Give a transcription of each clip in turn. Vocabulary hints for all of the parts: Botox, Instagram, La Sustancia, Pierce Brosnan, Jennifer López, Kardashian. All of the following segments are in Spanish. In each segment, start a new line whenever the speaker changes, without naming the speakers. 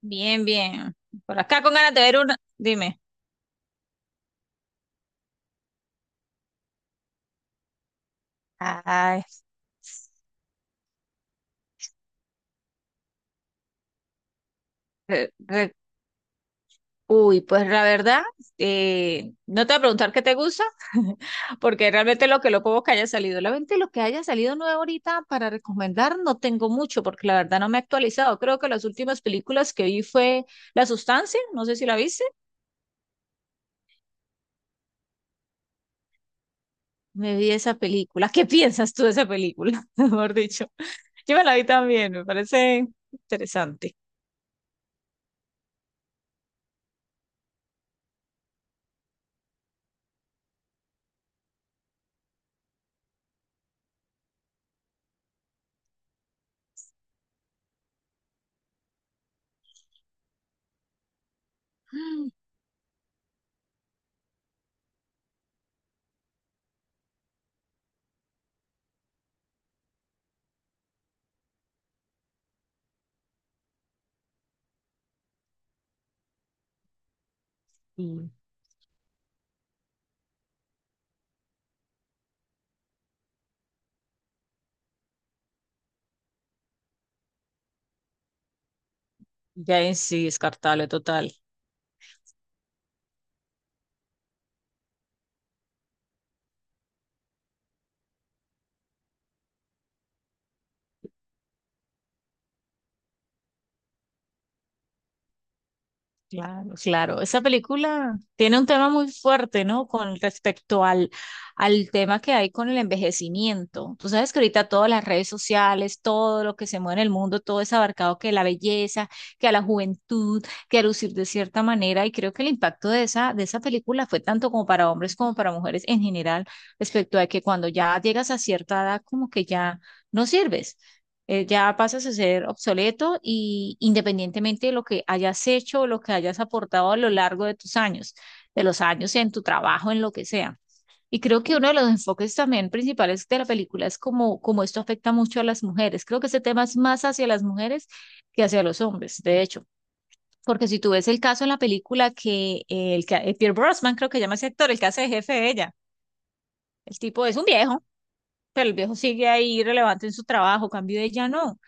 Bien, bien. Por acá con ganas de ver una. Dime. Ay, re- re- uy, pues la verdad, no te voy a preguntar qué te gusta, porque realmente lo poco que haya salido, realmente lo que haya salido nuevo ahorita para recomendar no tengo mucho, porque la verdad no me he actualizado. Creo que las últimas películas que vi fue La Sustancia, no sé si la viste, me vi esa película. ¿Qué piensas tú de esa película? Mejor dicho, yo me la vi también, me parece interesante. Mm. Ya en sí, descartable total. Claro, claro. Esa película tiene un tema muy fuerte, ¿no? Con respecto al, al tema que hay con el envejecimiento. Tú sabes que ahorita todas las redes sociales, todo lo que se mueve en el mundo, todo es abarcado que la belleza, que a la juventud, que a lucir de cierta manera. Y creo que el impacto de esa película fue tanto como para hombres como para mujeres en general, respecto a que cuando ya llegas a cierta edad, como que ya no sirves. Ya pasas a ser obsoleto y independientemente de lo que hayas hecho o lo que hayas aportado a lo largo de tus años, de los años en tu trabajo, en lo que sea. Y creo que uno de los enfoques también principales de la película es cómo esto afecta mucho a las mujeres. Creo que ese tema es más hacia las mujeres que hacia los hombres, de hecho. Porque si tú ves el caso en la película que Pierce Brosnan, creo que llama ese actor, el que hace de jefe de ella, el tipo es un viejo, pero el viejo sigue ahí relevante en su trabajo, cambio de ella no.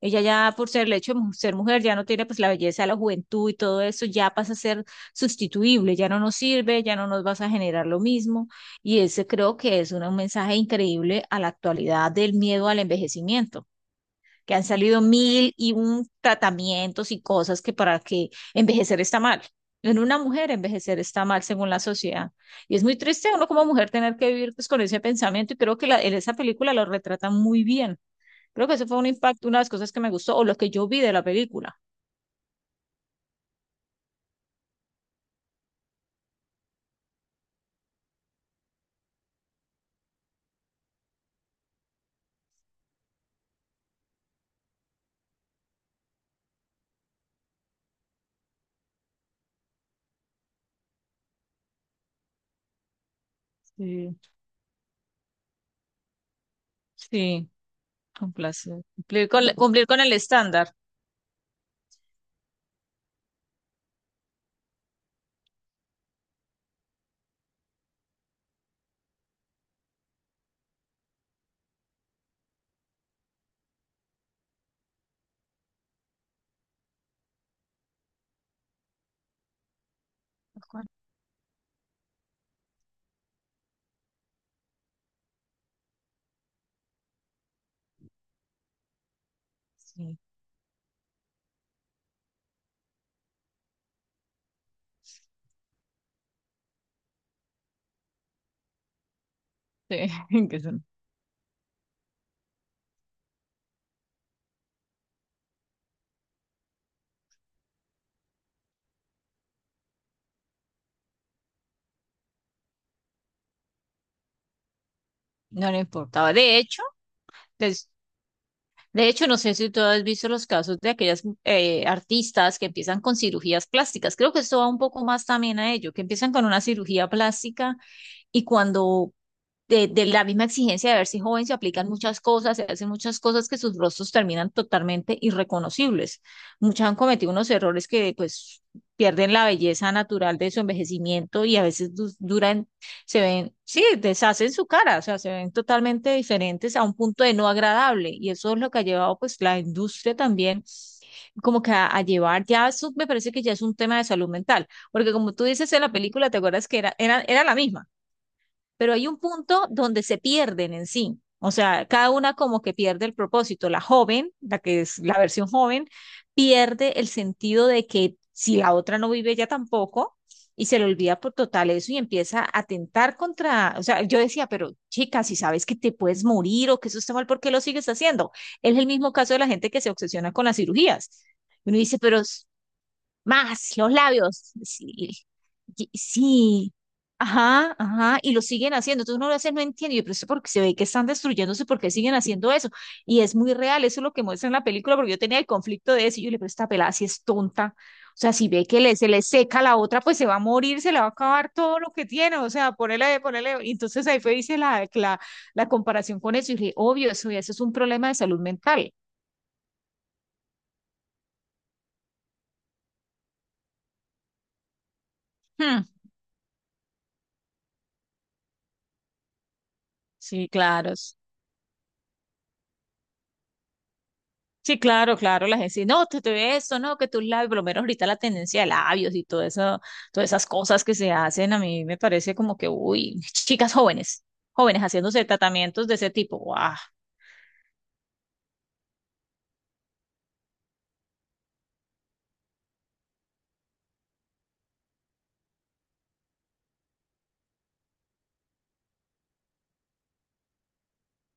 Ella ya por ser el hecho de ser mujer ya no tiene pues la belleza, la juventud y todo eso, ya pasa a ser sustituible, ya no nos sirve, ya no nos vas a generar lo mismo. Y ese creo que es un mensaje increíble a la actualidad del miedo al envejecimiento, que han salido mil y un tratamientos y cosas que para que envejecer está mal. En una mujer envejecer está mal según la sociedad. Y es muy triste uno como mujer tener que vivir pues con ese pensamiento, y creo que en esa película lo retratan muy bien. Creo que ese fue un impacto, una de las cosas que me gustó o lo que yo vi de la película. Sí, sí, un placer. Cumplir con el estándar. Sí, sí, que eso no le importaba. De hecho, des- de hecho, no sé si tú has visto los casos de aquellas artistas que empiezan con cirugías plásticas. Creo que esto va un poco más también a ello, que empiezan con una cirugía plástica y cuando la misma exigencia de verse joven, se aplican muchas cosas, se hacen muchas cosas que sus rostros terminan totalmente irreconocibles. Muchas han cometido unos errores que pues pierden la belleza natural de su envejecimiento, y a veces du duran, se ven, sí, deshacen su cara, o sea, se ven totalmente diferentes a un punto de no agradable, y eso es lo que ha llevado pues la industria también como que a llevar, ya eso me parece que ya es un tema de salud mental, porque como tú dices en la película, ¿te acuerdas que era la misma? Pero hay un punto donde se pierden en sí. O sea, cada una como que pierde el propósito. La joven, la que es la versión joven, pierde el sentido de que si la otra no vive, ella tampoco, y se le olvida por total eso y empieza a atentar contra, o sea, yo decía, pero chica, si sabes que te puedes morir o que eso está mal, ¿por qué lo sigues haciendo? Es el mismo caso de la gente que se obsesiona con las cirugías. Uno dice, pero más los labios. Sí, y- sí. Ajá, ajá, y lo siguen haciendo. Entonces uno lo veces no entiende, yo, pero eso porque se ve que están destruyéndose, ¿porque siguen haciendo eso? Y es muy real, eso es lo que muestra en la película, porque yo tenía el conflicto de eso, y yo le digo, pero esta pelada si es tonta. O sea, si ve que le, se le seca la otra, pues se va a morir, se le va a acabar todo lo que tiene. O sea, ponele, ponele. Y entonces ahí fue, hice la comparación con eso, y dije, obvio, eso es un problema de salud mental. Hmm. Sí, claro. Sí, claro, claro, la gente dice, no, te ve esto, no, que tus labios, por lo menos ahorita la tendencia de labios y todo eso, todas esas cosas que se hacen, a mí me parece como que, uy, chicas jóvenes, jóvenes haciéndose tratamientos de ese tipo, guau.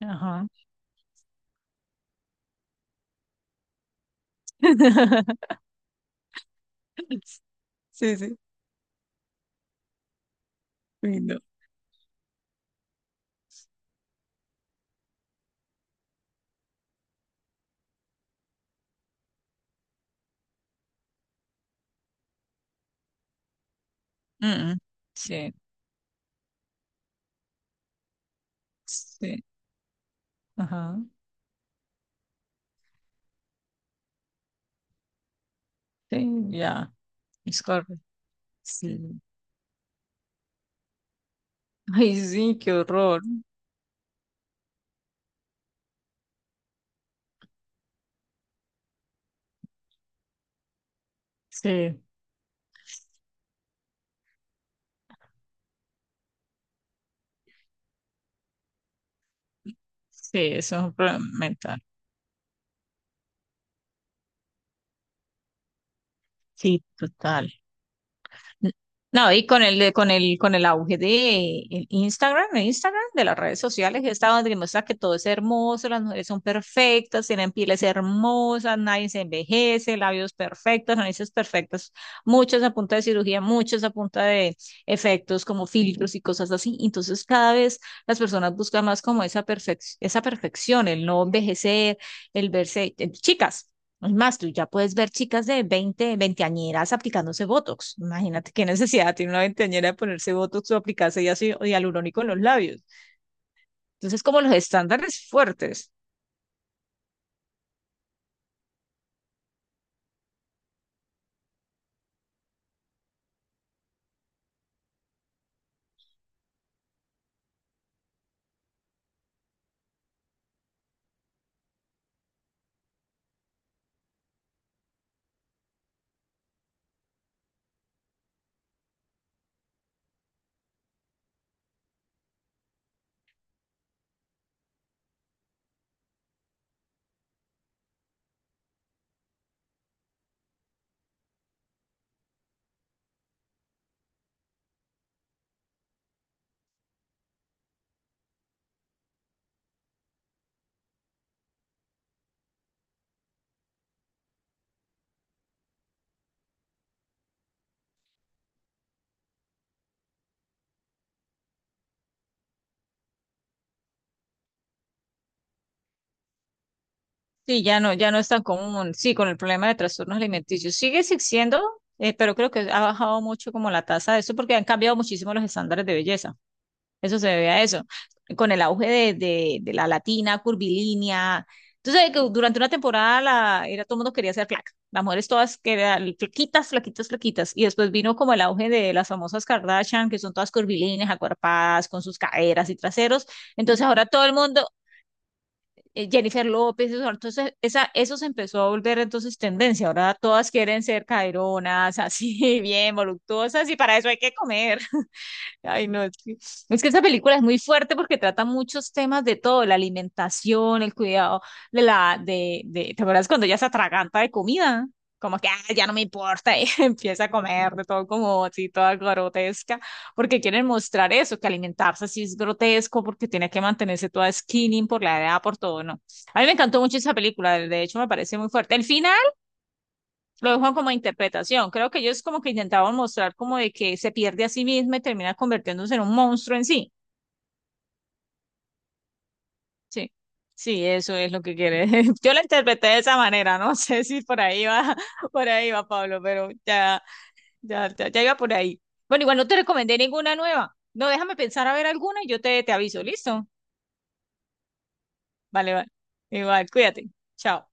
Ajá. Mm, mm. Sí, sí, ajá, sí, ya, es correcto. Sí. Ay, sí, qué horror. Sí, sí, eso es un problema mental. Sí, total. No, y con el, de- con el auge de el Instagram, de las redes sociales, está donde demuestra que todo es hermoso, las mujeres son perfectas, tienen pieles hermosas, nadie se envejece, labios perfectos, narices perfectas, muchas a punta de cirugía, muchas a punta de efectos como filtros y cosas así. Entonces, cada vez las personas buscan más como esa perfección, el no envejecer, el verse, chicas. Es más, tú ya puedes ver chicas de veinteañeras aplicándose Botox. Imagínate qué necesidad tiene una veinteañera de ponerse Botox o aplicarse ya así hialurónico en los labios. Entonces, como los estándares fuertes. Sí, ya no, ya no es tan común. Sí, con el problema de trastornos alimenticios. Sigue existiendo, pero creo que ha bajado mucho como la tasa de eso porque han cambiado muchísimo los estándares de belleza. Eso se debe a eso. Con el auge de, de la latina, curvilínea. Entonces, que durante una temporada todo el mundo quería ser flaca. Las mujeres todas querían flaquitas, flaquitas, flaquitas. Y después vino como el auge de las famosas Kardashian, que son todas curvilíneas, acuerpadas, con sus caderas y traseros. Entonces, ahora todo el mundo, Jennifer López, eso, entonces eso se empezó a volver entonces tendencia. Ahora todas quieren ser caderonas, así, bien, voluptuosas, y para eso hay que comer. Ay, no, es que esa película es muy fuerte porque trata muchos temas de todo, la alimentación, el cuidado de la, ¿te acuerdas cuando ella se atraganta de comida? Como que, "Ah, ya no me importa", y empieza a comer de todo como así, toda grotesca, porque quieren mostrar eso, que alimentarse así es grotesco, porque tiene que mantenerse toda skinny por la edad, por todo, ¿no? A mí me encantó mucho esa película, de hecho me parece muy fuerte. El final lo dejo como interpretación. Creo que ellos como que intentaban mostrar como de que se pierde a sí misma y termina convirtiéndose en un monstruo en sí. Sí, sí, eso es lo que quiere. Yo lo interpreté de esa manera, no sé si por ahí va, por ahí va Pablo, pero ya, ya, ya iba por ahí. Bueno, igual no te recomendé ninguna nueva. No, déjame pensar a ver alguna y yo te aviso, ¿listo? Vale, vale. Igual, cuídate. Chao.